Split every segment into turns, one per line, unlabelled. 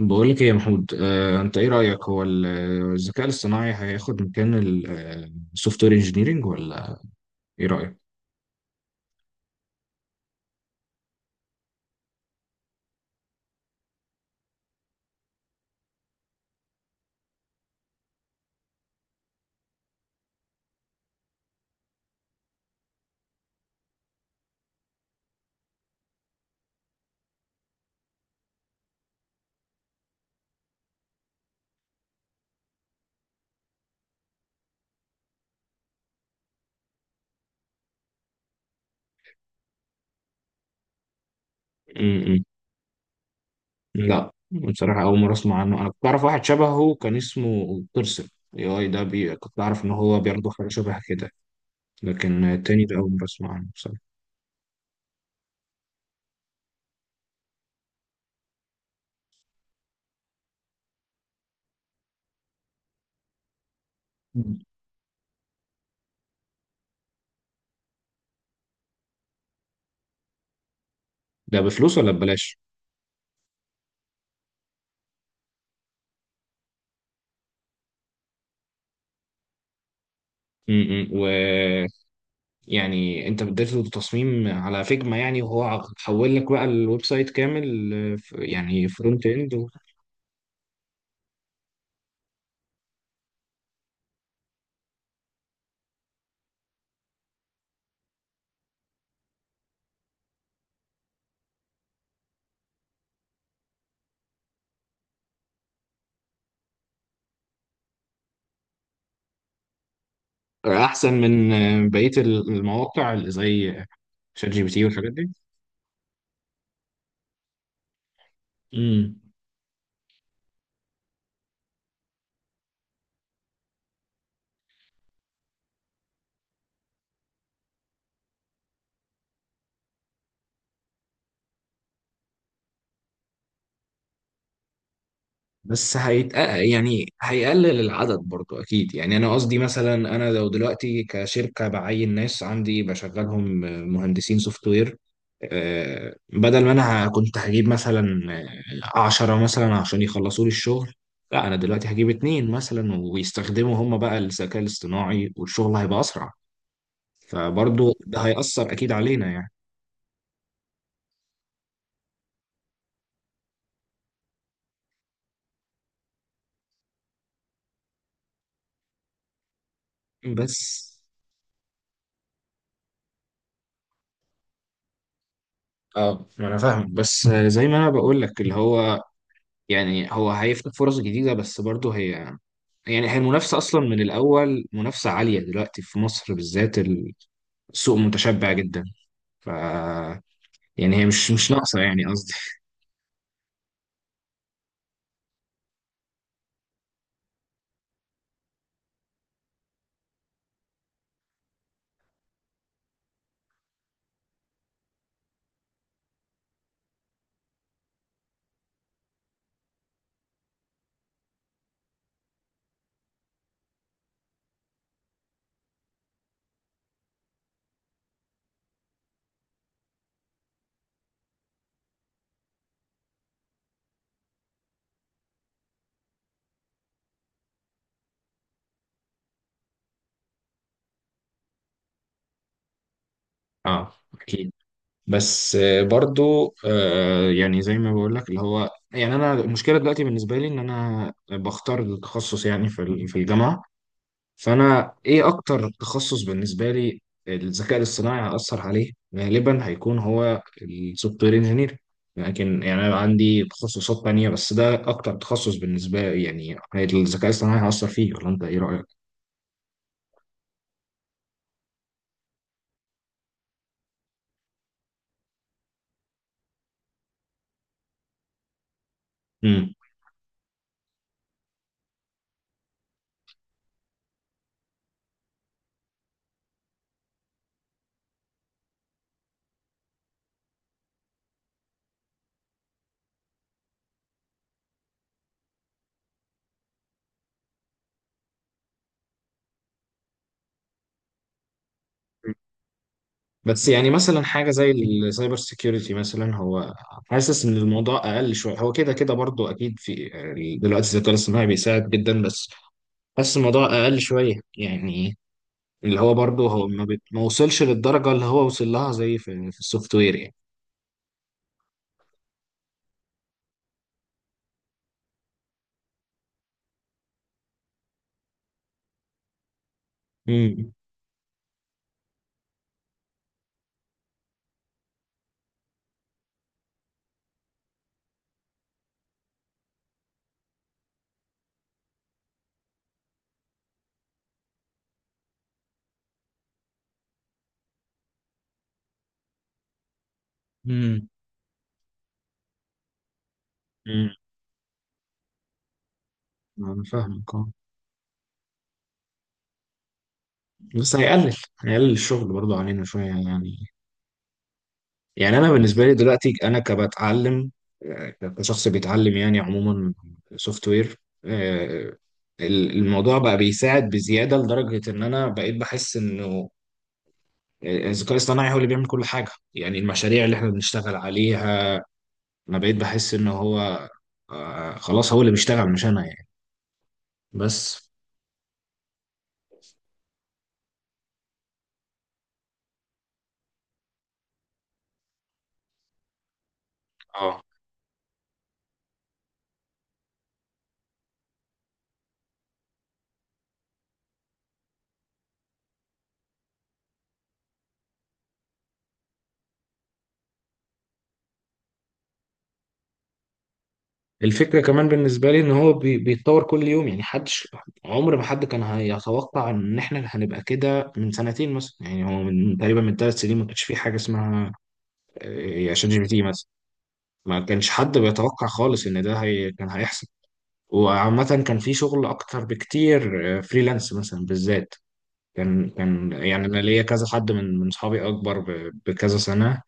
بقول لك ايه يا محمود، انت ايه رأيك؟ هو الذكاء الاصطناعي هياخد مكان السوفت وير انجينيرنج ولا ايه رأيك؟ م- م. لا بصراحة، اول مرة اسمع عنه. انا كنت اعرف واحد شبهه كان اسمه بيرسون، اي اي ده، كنت اعرف ان هو بياخد حاجة شبه كده، لكن التاني ده اول مرة اسمع عنه بصراحة. م. ده بفلوس ولا ببلاش؟ م- م. يعني انت بديته تصميم على فيجما يعني، وهو حول لك بقى الويب سايت كامل؟ يعني فرونت اند؟ احسن من بقيه المواقع اللي زي شات جي بي تي والحاجات دي. امم بس يعني هيقلل العدد برضو اكيد. يعني انا قصدي، مثلا انا لو دلوقتي كشركه بعين ناس عندي بشغلهم مهندسين سوفت وير، بدل ما انا كنت هجيب مثلا 10 مثلا عشان يخلصوا لي الشغل، لا انا دلوقتي هجيب 2 مثلا ويستخدموا هم بقى الذكاء الاصطناعي والشغل هيبقى اسرع. فبرضو ده هيأثر اكيد علينا يعني. بس اه، ما انا فاهم، بس زي ما انا بقول لك اللي هو يعني هو هيفتح فرص جديده، بس برضه هي يعني هي المنافسه اصلا من الاول منافسه عاليه دلوقتي في مصر بالذات، السوق متشبع جدا. ف يعني هي مش ناقصه يعني، قصدي. اه اكيد، بس برضه آه يعني زي ما بقول لك اللي هو، يعني انا المشكله دلوقتي بالنسبه لي ان انا بختار التخصص يعني في في الجامعه، فانا ايه اكتر تخصص بالنسبه لي الذكاء الاصطناعي هيأثر عليه؟ غالبا هيكون هو السوفت وير انجينير، لكن يعني انا عندي تخصصات تانية، بس ده اكتر تخصص بالنسبه لي يعني الذكاء الاصطناعي هيأثر فيه، ولا انت ايه رأيك؟ امم. بس يعني مثلا حاجه زي السايبر سيكيورتي مثلا، هو حاسس ان الموضوع اقل شويه. هو كده كده برضو اكيد، في دلوقتي الذكاء الاصطناعي بيساعد جدا، بس حاسس الموضوع اقل شويه يعني. اللي هو برضه هو ما وصلش للدرجة اللي هو وصل لها زي في السوفت وير يعني. امم. امم. امم. انا فاهمك. اه بس هيقلل، هيقلل الشغل برضه علينا شوية يعني. يعني انا بالنسبة لي دلوقتي انا كبتعلم، آه، كشخص بيتعلم يعني عموما سوفت وير، آه، الموضوع بقى بيساعد بزيادة، لدرجة ان انا بقيت بحس انه الذكاء الاصطناعي هو اللي بيعمل كل حاجة يعني، المشاريع اللي احنا بنشتغل عليها انا بقيت بحس ان هو آه، خلاص هو اللي بيشتغل مش انا يعني. بس اه. الفكرة كمان بالنسبة لي ان هو بيتطور كل يوم يعني. حدش، عمر ما حد كان هيتوقع ان احنا هنبقى كده من سنتين مثلا. يعني هو من تقريبا من 3 سنين ما كانش في حاجة اسمها شات جي بي تي مثلا، ما كانش حد بيتوقع خالص ان ده هي كان هيحصل. وعامة كان في شغل اكتر بكتير، فريلانس مثلا بالذات. كان كان يعني انا ليا كذا حد من اصحابي اكبر بكذا سنه،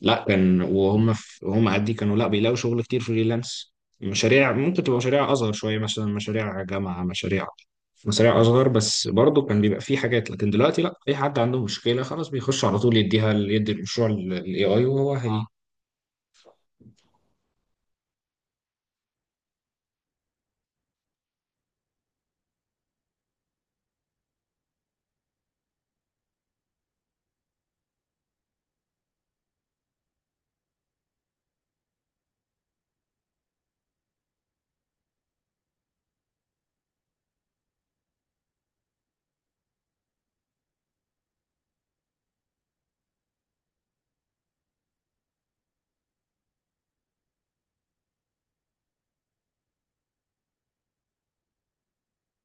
لا كان وهم في هم قدي كانوا لا بيلاقوا شغل كتير فريلانس. مشاريع ممكن تبقى مشاريع اصغر شويه، مثلا مشاريع جامعه، مشاريع، مشاريع اصغر، بس برضه كان بيبقى في حاجات. لكن دلوقتي لا، اي حد عنده مشكله خلاص بيخش على طول يديها، يدي المشروع للاي اي وهو هي اه.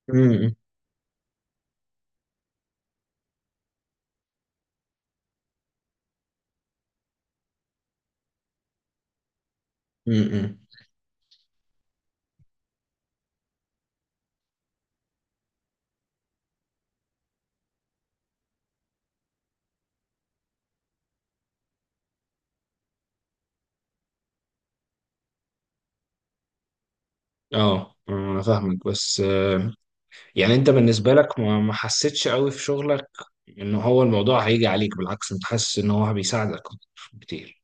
م- م- م- م. اه انا فاهمك، بس يعني انت بالنسبة لك ما حسيتش قوي في شغلك ان هو الموضوع هيجي عليك؟ بالعكس انت حاسس ان هو بيساعدك كتير؟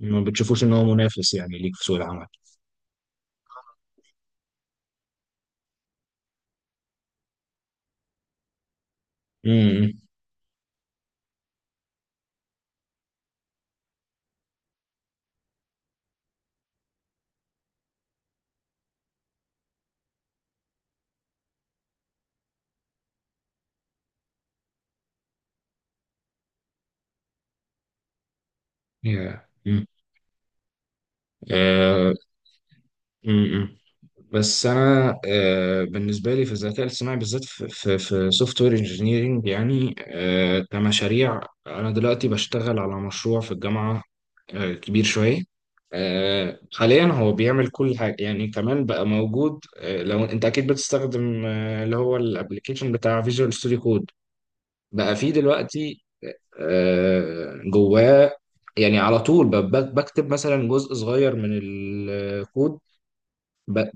ما بتشوفوش ان هو منافس يعني ليك في سوق العمل؟ امم. يا آه، امم بس انا بالنسبه لي في الذكاء الاصطناعي بالذات في سوفت وير انجينيرنج يعني، كمشاريع، انا دلوقتي بشتغل على مشروع في الجامعه، كبير شوية، حاليا هو بيعمل كل حاجة يعني. كمان بقى موجود، لو انت اكيد بتستخدم اللي هو الابليكيشن بتاع فيجوال ستوديو كود، بقى فيه دلوقتي جواه يعني. على طول بكتب مثلا جزء صغير من الكود ب...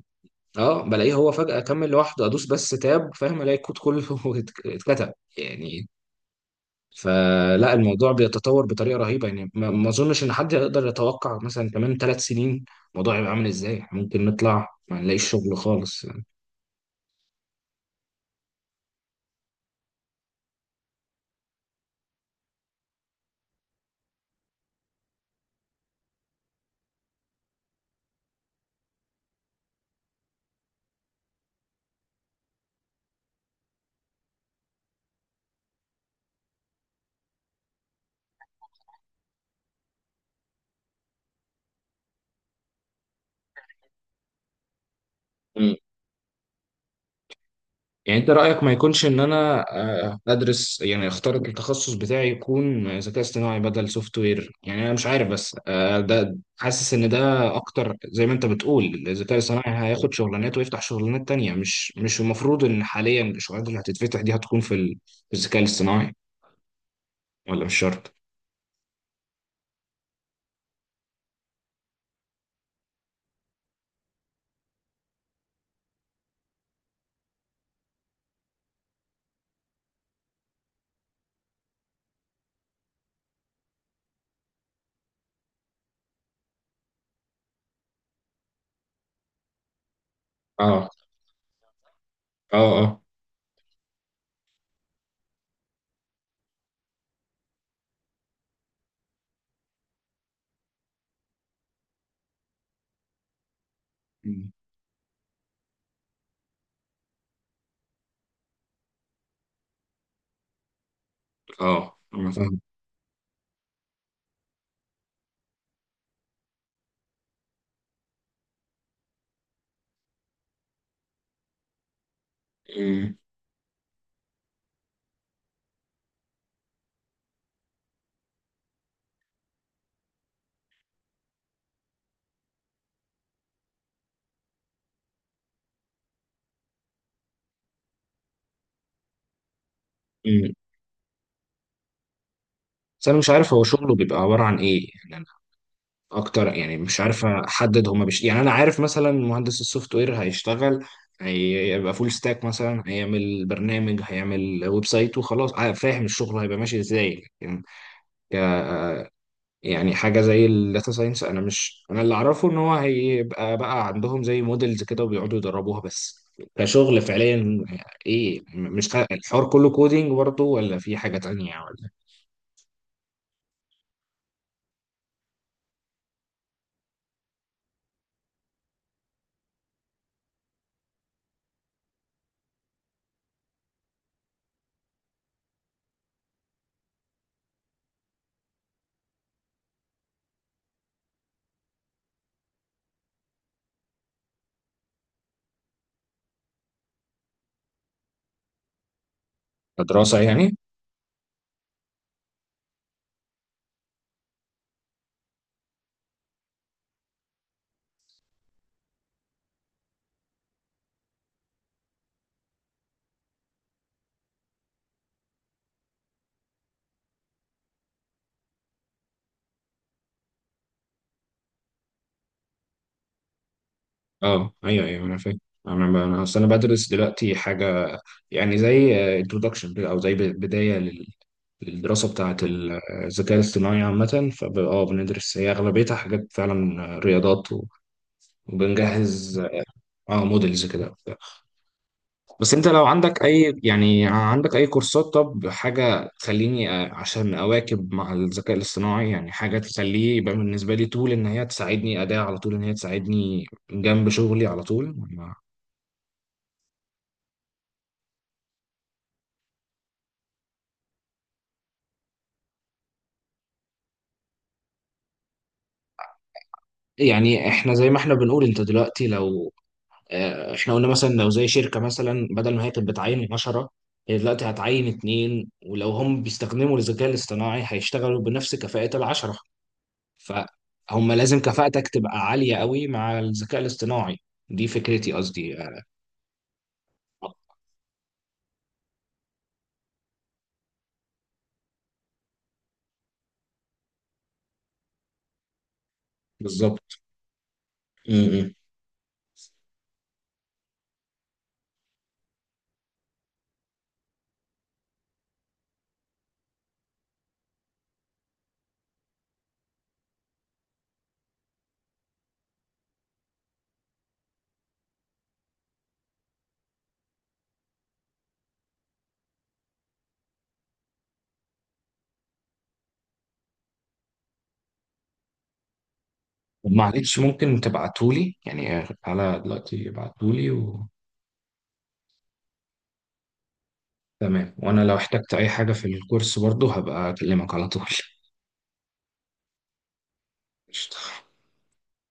اه بلاقيه هو فجأة كمل لوحده، ادوس بس تاب فاهم، الاقي الكود كله اتكتب يعني. فلا الموضوع بيتطور بطريقه رهيبه يعني، ما اظنش ان حد يقدر يتوقع مثلا كمان 3 سنين الموضوع هيبقى عامل ازاي. إحنا ممكن نطلع ما نلاقيش شغل خالص يعني. مم. يعني انت رايك ما يكونش ان انا ادرس يعني، اختار التخصص بتاعي يكون ذكاء اصطناعي بدل سوفت وير يعني؟ انا مش عارف، بس ده حاسس ان ده اكتر. زي ما انت بتقول الذكاء الصناعي هياخد شغلانات ويفتح شغلانات تانية، مش المفروض ان حاليا الشغلانات اللي هتتفتح دي هتكون في في الذكاء الاصطناعي، ولا مش شرط؟ اه. اه اه. مم. اه عامة فاهم. أمم. أمم. بس انا مش عارف هو شغله بيبقى عباره عن ايه يعني. انا اكتر، يعني مش عارف احدد هما يعني انا عارف مثلا مهندس السوفت وير هيشتغل، هيبقى فول ستاك مثلا، هيعمل برنامج، هيعمل ويب سايت وخلاص، فاهم الشغل هيبقى ماشي ازاي. لكن يعني حاجة زي الداتا ساينس، أنا مش، أنا اللي أعرفه إن هو هيبقى بقى عندهم زي موديلز كده وبيقعدوا يدربوها بس. كشغل فعليا، إيه؟ مش خ- الحوار كله كودينج برضه ولا في حاجة تانية ولا كدراسة يعني؟ أه أيوه أيوه أنا فاهم. أنا أنا أصل أنا بدرس دلوقتي حاجة يعني زي انترودكشن أو زي بداية للدراسة بتاعة الذكاء الاصطناعي عامة. أه، بندرس هي أغلبيتها حاجات فعلا رياضات و... وبنجهز أه موديلز كده. بس انت لو عندك اي، يعني عندك اي كورسات طب، حاجة تخليني عشان اواكب مع الذكاء الاصطناعي يعني، حاجة تخليه يبقى بالنسبة لي طول ان هي تساعدني اداة، على طول ان هي تساعدني جنب شغلي على طول يعني احنا زي ما احنا بنقول. انت دلوقتي لو اه، احنا قلنا مثلا لو زي شركة، مثلا بدل ما هي كانت بتعين 10، هي دلوقتي هتعين اتنين، ولو هم بيستخدموا الذكاء الاصطناعي هيشتغلوا بنفس كفاءة العشرة. فهم لازم كفاءتك تبقى عالية قوي مع الذكاء الاصطناعي، دي فكرتي قصدي بالظبط. م- م. طب معلش ممكن تبعتولي يعني، على دلوقتي ابعتولي و... تمام. وانا لو احتجت اي حاجة في الكورس برضو هبقى اكلمك على طول قشطة.